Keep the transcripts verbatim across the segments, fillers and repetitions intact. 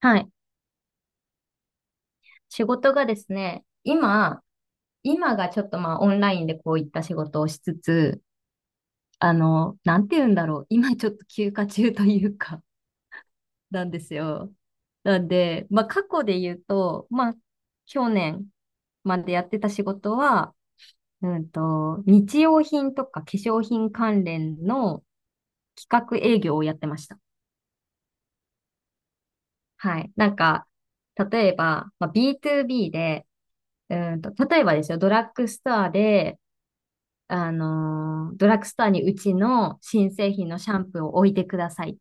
はい。仕事がですね、今、今がちょっとまあオンラインでこういった仕事をしつつ、あの、なんて言うんだろう。今ちょっと休暇中というか、なんですよ。なんで、まあ過去で言うと、まあ去年までやってた仕事は、うんと、日用品とか化粧品関連の企画営業をやってました。はい。なんか、例えば、まあ、ビートゥービー で、うーんと、例えばですよ、ドラッグストアで、あの、ドラッグストアにうちの新製品のシャンプーを置いてくださいっ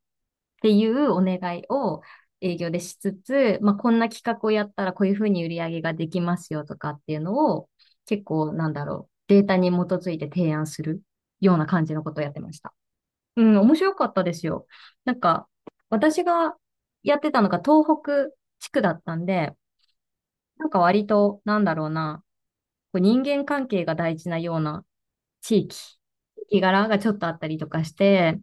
ていうお願いを営業でしつつ、まあ、こんな企画をやったらこういうふうに売り上げができますよとかっていうのを結構なんだろう、データに基づいて提案するような感じのことをやってました。うん、面白かったですよ。なんか、私がやってたのが東北地区だったんで、なんか割と、なんだろうな、こう人間関係が大事なような地域、地域柄がちょっとあったりとかして、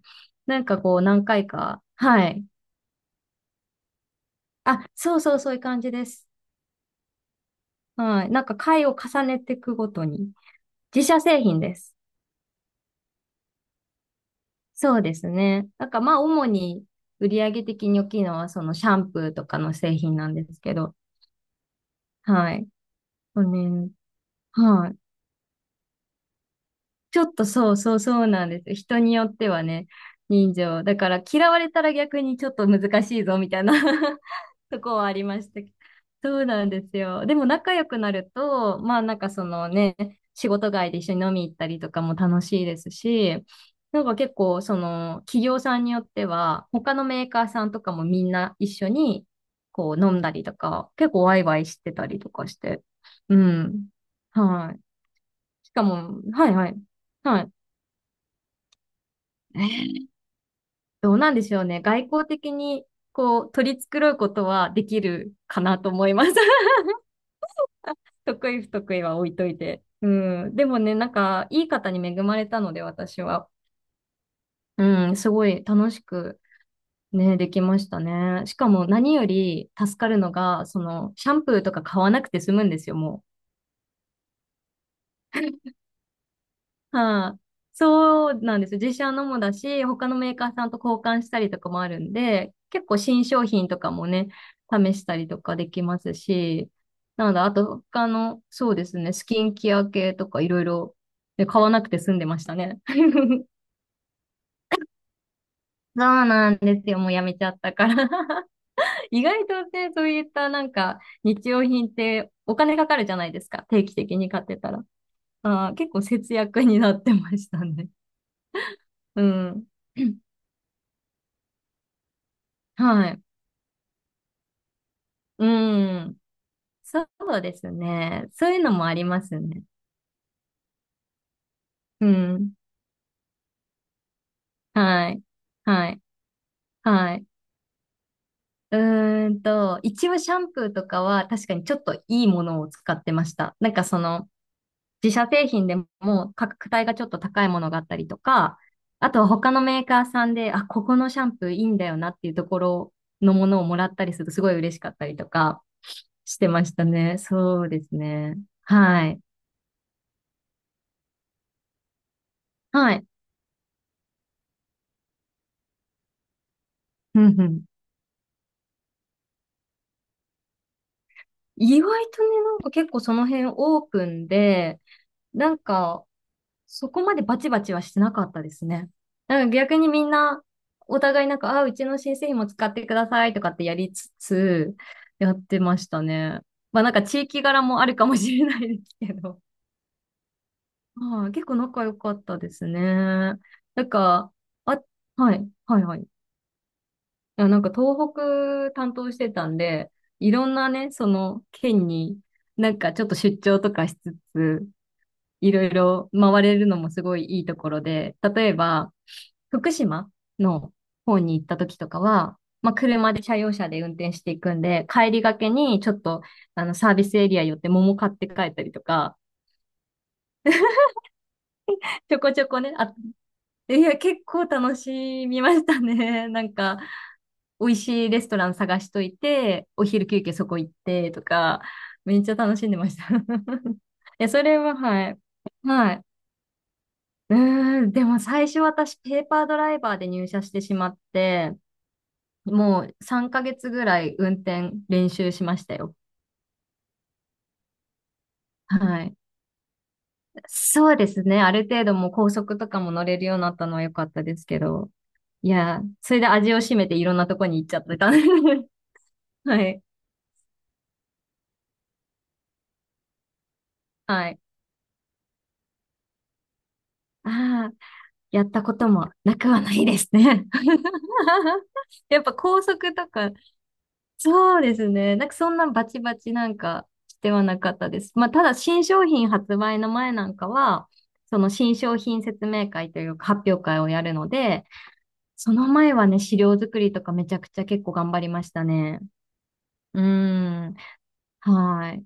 なんかこう何回か、はい。あ、そうそうそういう感じです。はい。なんか回を重ねていくごとに。自社製品です。そうですね。なんかまあ主に売上的に大きいのはそのシャンプーとかの製品なんですけど、はい。そうね。はい。ちょっとそうそうそうなんですよ。人によってはね、人情。だから嫌われたら逆にちょっと難しいぞみたいな とこはありましたけど。そうなんですよ。でも仲良くなると、まあなんかそのね、仕事外で一緒に飲み行ったりとかも楽しいですし、なんか結構その企業さんによっては、他のメーカーさんとかもみんな一緒にこう飲んだりとか、結構ワイワイしてたりとかして。うん。はい。しかも、はいはい。はい。どうなんでしょうね。外交的にこう取り繕うことはできるかなと思います。得意不得意は置いといて。うん。でもね、なんか、いい方に恵まれたので、私は。うん、すごい楽しくね、できましたね。しかも何より助かるのが、その、シャンプーとか買わなくて済むんですよ、もう。はい、そうなんです。自社のもだし、他のメーカーさんと交換したりとかもあるんで、結構新商品とかもね、試したりとかできますし、なので、あと他の、そうですね、スキンケア系とかいろいろ、ね、買わなくて済んでましたね。そうなんですよ。もうやめちゃったから。 意外とね、そういったなんか日用品ってお金かかるじゃないですか。定期的に買ってたら。あー、結構節約になってましたね。うん。はい。うん。そうですね。そういうのもありますね。うん。はい。はい。はい。うーんと、一応シャンプーとかは確かにちょっといいものを使ってました。なんかその、自社製品でも価格帯がちょっと高いものがあったりとか、あとは他のメーカーさんで、あ、ここのシャンプーいいんだよなっていうところのものをもらったりするとすごい嬉しかったりとかしてましたね。そうですね。はい。はい。うんうん。意外とね、なんか結構その辺オープンで、なんかそこまでバチバチはしてなかったですね。なんか逆にみんなお互いなんか、あ、うちの新製品も使ってくださいとかってやりつつやってましたね。まあなんか地域柄もあるかもしれないですけど。はい、結構仲良かったですね。なんか、あ、はい、はい、はい。いや、なんか東北担当してたんで、いろんなね、その県になんかちょっと出張とかしつつ、いろいろ回れるのもすごいいいところで、例えば福島の方に行った時とかは、まあ、車で車用車で運転していくんで、帰りがけにちょっとあのサービスエリア寄って桃買って帰ったりとか、ちょこちょこね、あ、いや、結構楽しみましたね。なんか、美味しいレストラン探しといて、お昼休憩そこ行ってとか、めっちゃ楽しんでました。いや、それは、はい。はい。うーん、でも最初私ペーパードライバーで入社してしまって、もうさんかげつぐらい運転練習しましたよ。はい。そうですね。ある程度もう高速とかも乗れるようになったのは良かったですけど。いや、それで味を占めていろんなとこに行っちゃってた。はい。はい。ああ。やったこともなくはないですね。やっぱ高速とか、そうですね。なんかそんなバチバチなんかしてはなかったです。まあただ新商品発売の前なんかは、その新商品説明会というか発表会をやるので、その前はね、資料作りとかめちゃくちゃ結構頑張りましたね。うーん。はい。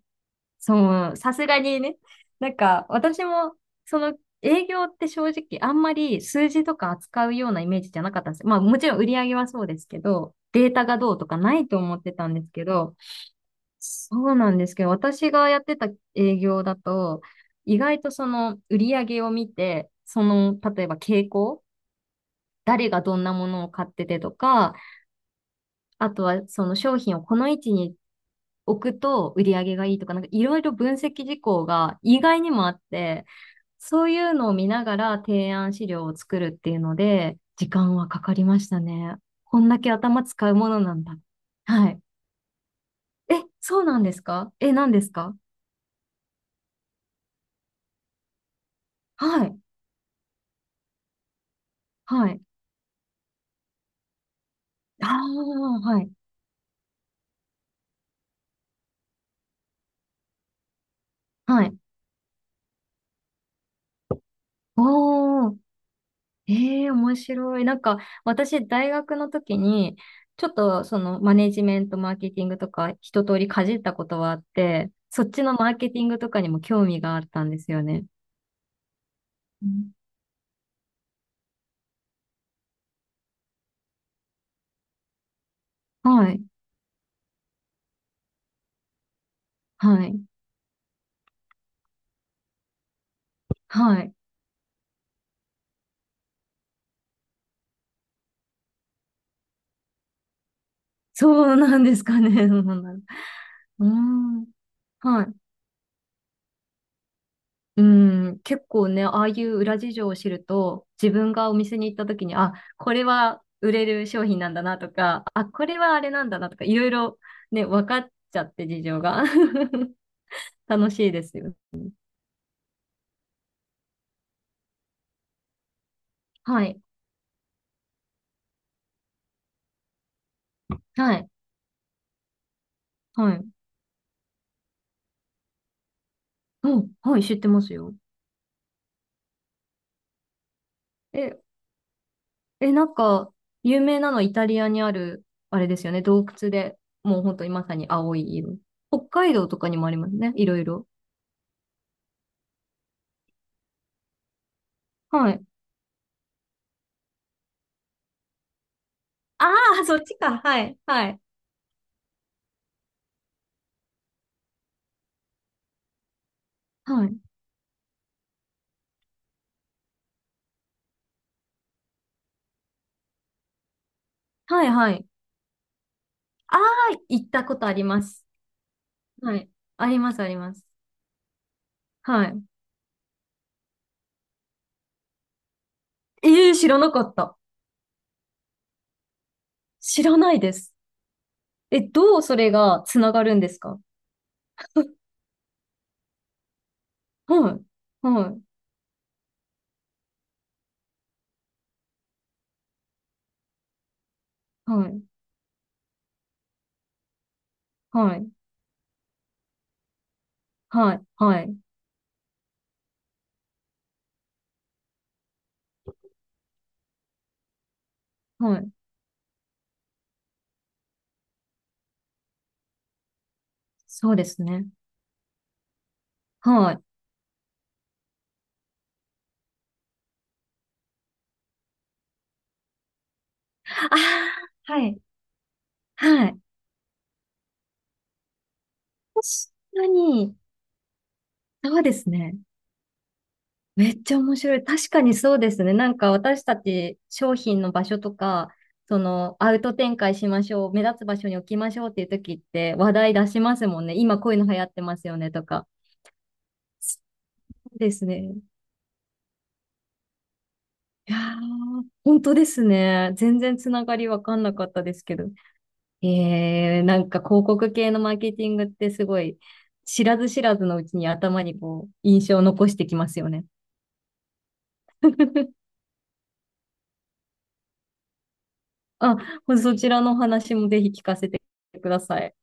そう、さすがにね。なんか、私も、その、営業って正直、あんまり数字とか扱うようなイメージじゃなかったんです。まあ、もちろん売り上げはそうですけど、データがどうとかないと思ってたんですけど、そうなんですけど、私がやってた営業だと、意外とその売り上げを見て、その、例えば傾向、誰がどんなものを買っててとか、あとはその商品をこの位置に置くと売り上げがいいとか、なんかいろいろ分析事項が意外にもあって、そういうのを見ながら提案資料を作るっていうので、時間はかかりましたね。こんだけ頭使うものなんだ。はい。え、そうなんですか？え、何ですか？はい。はい。ああ、はい。はい。おー。ええ、面白い。なんか、私、大学の時に、ちょっと、その、マネジメント、マーケティングとか、一通りかじったことはあって、そっちのマーケティングとかにも興味があったんですよね。うん、はい、はい、はい。そうなんですかね。どうなんだろう。うーん。はい。うん、結構ね、ああいう裏事情を知ると、自分がお店に行った時に、あ、これは売れる商品なんだなとか、あ、これはあれなんだなとか、いろいろね、分かっちゃって事情が。楽しいですよ。はい。はい。はい。うん。はい、知ってますよ。え、え、なんか、有名なのはイタリアにある、あれですよね、洞窟で、もう本当にまさに青い色。北海道とかにもありますね、いろいろ。はい。ああ、そっちか。はい。はい。はい。はい。はい。ああ、行ったことあります。はい。あります、あります。はい。ええー、知らなかった。知らないです。え、どうそれがつながるんですか？はい。はい。はい。はい。はい。はい。はい。そうですね。はい。ああ、はい。はい。確かに、そうですね。めっちゃ面白い。確かにそうですね。なんか私たち商品の場所とか、そのアウト展開しましょう、目立つ場所に置きましょうっていう時って話題出しますもんね。今こういうの流行ってますよねとか。そうですね。いやー、本当ですね。全然つながりわかんなかったですけど。えー、なんか広告系のマーケティングってすごい知らず知らずのうちに頭にこう印象を残してきますよね。あ、そちらのお話もぜひ聞かせてください。